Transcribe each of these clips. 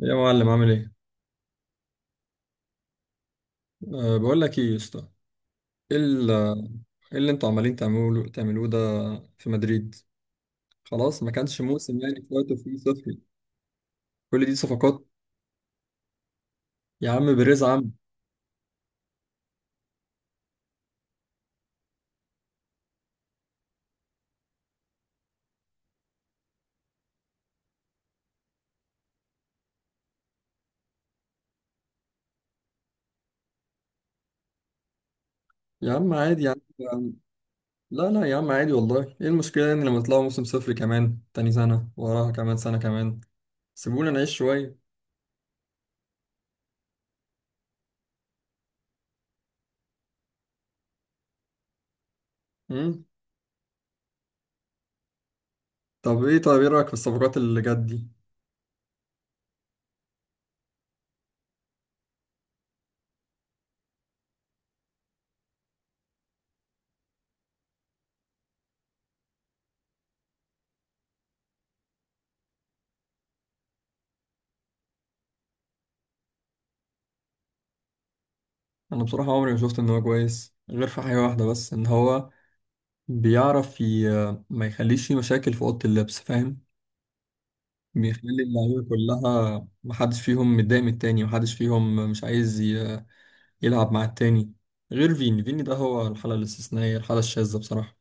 يا معلم، عامل ايه؟ أه، بقول لك ايه يا اسطى. ايه ال- إيه اللي انتوا عمالين تعملوه ده في مدريد؟ خلاص، ما كانش موسم يعني في وقته فيه صفري، كل دي صفقات يا عم بيريز عم. يا عم عادي، يا عم يا عم. لا لا يا عم، عادي والله، ايه المشكلة يعني لما طلعوا موسم صفري كمان، تاني سنة وراها، كمان سنة كمان. سيبونا نعيش شوية. امم. طب ايه، طيب ايه رأيك في الصفقات اللي جت دي؟ انا بصراحة عمري ما شفت ان هو كويس غير في حاجة واحدة بس، ان هو بيعرف ما يخليش فيه مشاكل في أوضة اللبس، فاهم. بيخلي اللعيبة كلها محدش فيهم متضايق من التاني، محدش فيهم مش عايز يلعب مع التاني. غير فيني، فيني ده هو الحالة الاستثنائية، الحالة الشاذة بصراحة.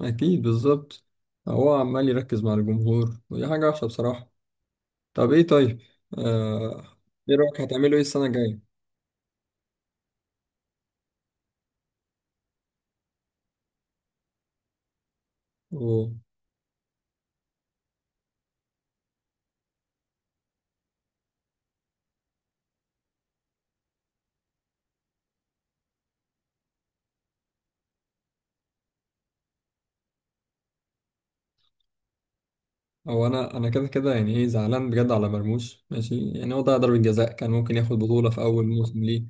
أكيد بالظبط، هو عمال يركز مع الجمهور ودي حاجة وحشة بصراحة. طب إيه، طيب آه... إيه رأيك هتعملوا إيه السنة الجاية؟ هو انا كده كده يعني ايه، زعلان بجد على مرموش ماشي، يعني هو ضيع ضربة جزاء كان ممكن ياخد بطولة في اول موسم ليه.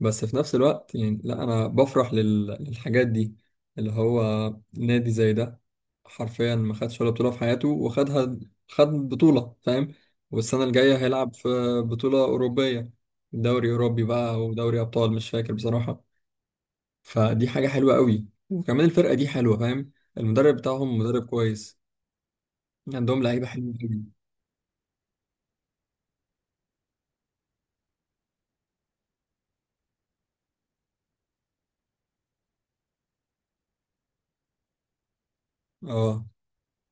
بس في نفس الوقت يعني لا، انا بفرح للحاجات دي، اللي هو نادي زي ده حرفيا ما خدش ولا بطولة في حياته وخدها، خد بطولة، فاهم. والسنة الجاية هيلعب في بطولة أوروبية، دوري أوروبي بقى أو دوري أبطال مش فاكر بصراحة. فدي حاجة حلوة قوي، وكمان الفرقة دي حلوة فاهم. المدرب بتاعهم مدرب كويس، عندهم لعيبة حلوة قوي. اه،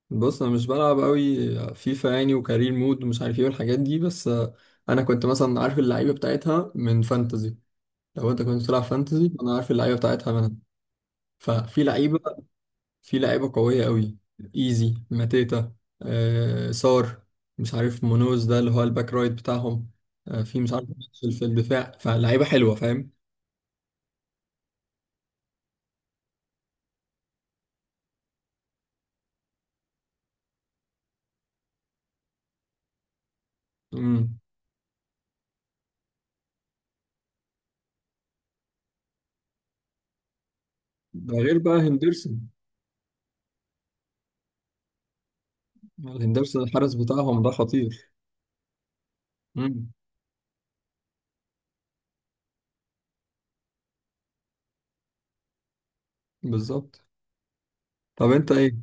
بص انا مش بلعب قوي فيفا يعني، وكارير مود ومش عارف ايه والحاجات دي، بس انا كنت مثلا عارف اللعيبه بتاعتها من فانتزي. لو انت كنت بتلعب فانتزي انا عارف اللعيبه بتاعتها منها. ففي لعيبه في لعيبه قويه قوي، ايزي ماتيتا، سار، مش عارف مونوز ده اللي هو الباك رايت بتاعهم، في مش عارف. في الدفاع، فلعيبه حلوه فاهم. امم. ده غير بقى هندرسون، هندرسون الحارس بتاعهم ده خطير. امم بالظبط. طب انت ايه؟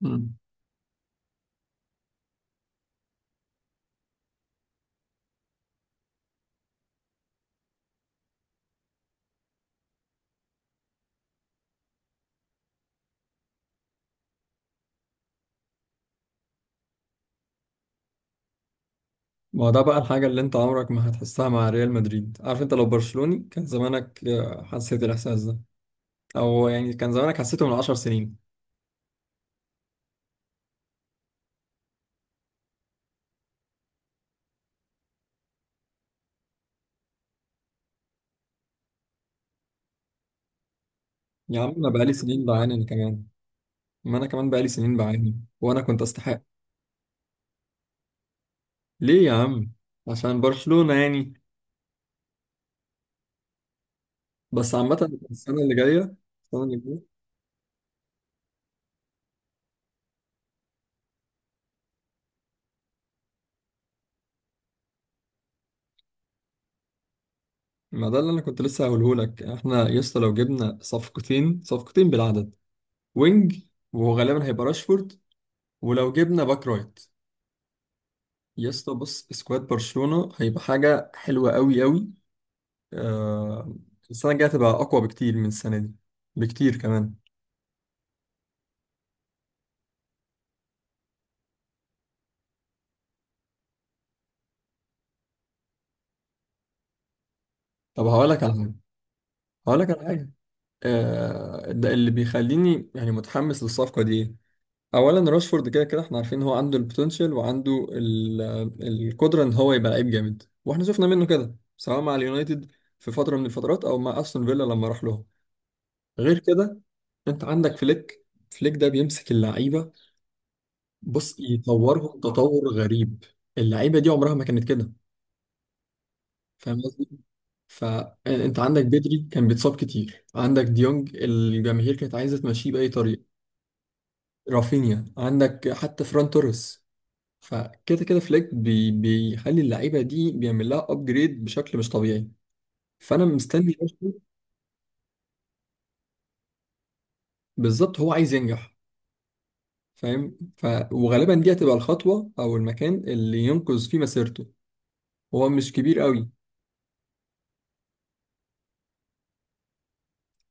مم. ما هو ده بقى الحاجة اللي انت عمرك ما هتحسها مع ريال مدريد، عارف، انت لو برشلوني كان زمانك حسيت الإحساس ده، أو يعني كان زمانك حسيته من 10 سنين. يا عم أنا بقالي سنين بعاني أنا كمان، ما أنا كمان بقالي سنين بعاني وأنا كنت أستحق. ليه يا عم، عشان برشلونة يعني. بس عامة، السنة اللي جاية، السنة اللي جاية، ما ده اللي أنا كنت لسه هقوله لك، احنا يا اسطى لو جبنا صفقتين، صفقتين بالعدد، وينج، وغالبا هيبقى راشفورد، ولو جبنا باك رايت يا اسطى، بص سكواد برشلونة هيبقى حاجة حلوة قوي قوي. آه. السنة الجاية هتبقى أقوى بكتير من السنة دي، بكتير كمان. طب هقول لك على حاجة، هقول لك على حاجة. آه، ده اللي بيخليني يعني متحمس للصفقة دي إيه؟ أولا راشفورد كده كده احنا عارفين إن هو عنده البوتنشال وعنده القدرة إن هو يبقى لعيب جامد، واحنا شفنا منه كده سواء مع اليونايتد في فترة من الفترات، أو مع أستون فيلا لما راح لهم. غير كده، أنت عندك فليك، فليك ده بيمسك اللعيبة بص، يطورهم تطور غريب. اللعيبه دي عمرها ما كانت كده، فاهم قصدي. فانت عندك بدري كان بيتصاب كتير، عندك ديونج الجماهير كانت عايزه تمشيه باي طريقه، رافينيا، عندك حتى فران توريس. فكده كده فليك بيخلي اللعيبه دي، بيعمل لها ابجريد بشكل مش طبيعي. فانا مستني أشوف. بالظبط هو عايز ينجح، فاهم، وغالبا دي هتبقى الخطوه او المكان اللي ينقذ فيه مسيرته، هو مش كبير قوي.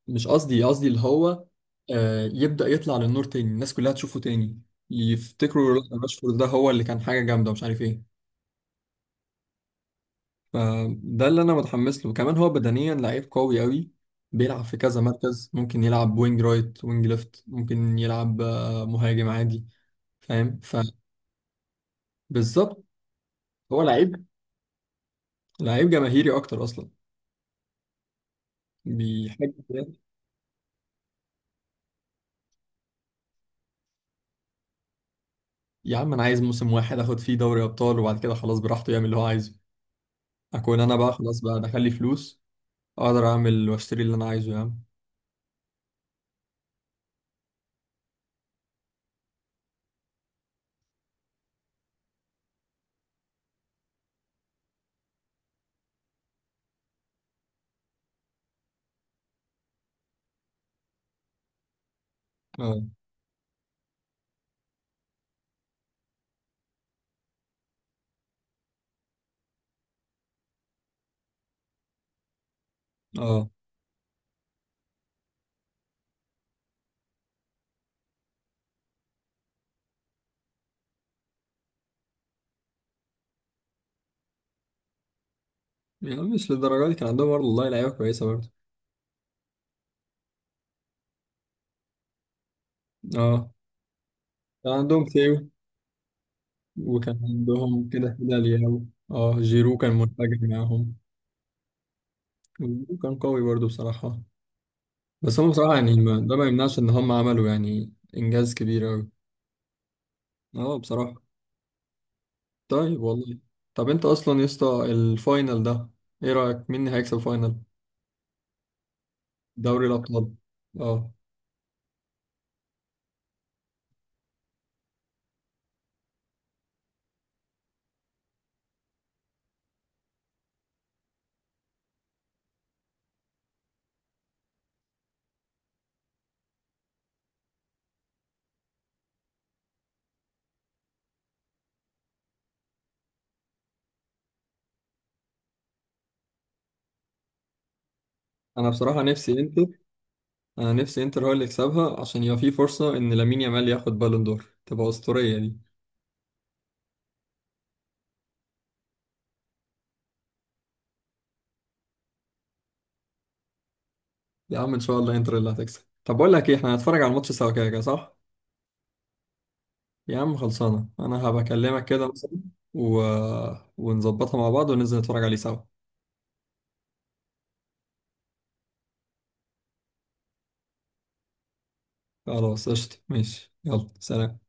مش قصدي، قصدي اللي هو يبدأ يطلع للنور تاني، الناس كلها تشوفه تاني، يفتكروا لا، راشفورد ده هو اللي كان حاجة جامدة مش عارف ايه. فده اللي انا متحمس له كمان، هو بدنيا لعيب قوي قوي، بيلعب في كذا مركز، ممكن يلعب وينج رايت، وينج ليفت، ممكن يلعب مهاجم عادي فاهم. فبالظبط، هو لعيب، لعيب جماهيري اكتر اصلا، بيحب. يا عم انا عايز موسم واحد اخد فيه دوري ابطال، وبعد كده خلاص براحته يعمل اللي هو عايزه، اكون انا بقى خلاص، بقى دخل لي فلوس، اقدر اعمل واشتري اللي انا عايزه يا عم. اه اه، يعني مش للدرجه دي، كان عندهم برضه والله لعيبه كويسه برضه. اه كان عندهم تيو، وكان عندهم كده كده لياو. اه، جيرو كان منفجر معاهم. جيرو كان قوي برضه بصراحه، بس هم بصراحه يعني ده ما يمنعش ان هم عملوا يعني انجاز كبير قوي. اه بصراحه. طيب والله، طب انت اصلا يا اسطى الفاينل ده، ايه رايك مين اللي هيكسب فاينل دوري الابطال؟ اه. انا بصراحه نفسي انت، انا نفسي انتر هو اللي يكسبها عشان يبقى في فرصه ان لامين يامال ياخد بالون دور تبقى اسطوريه دي. يا عم ان شاء الله انتر اللي هتكسب. طب بقول لك ايه، احنا هنتفرج على الماتش سوا كده كده، صح؟ يا عم خلصانه انا هبقى اكلمك كده مثلا و... ونظبطها مع بعض وننزل نتفرج عليه سوا. خلاص قشطه ماشي، يلا سلام.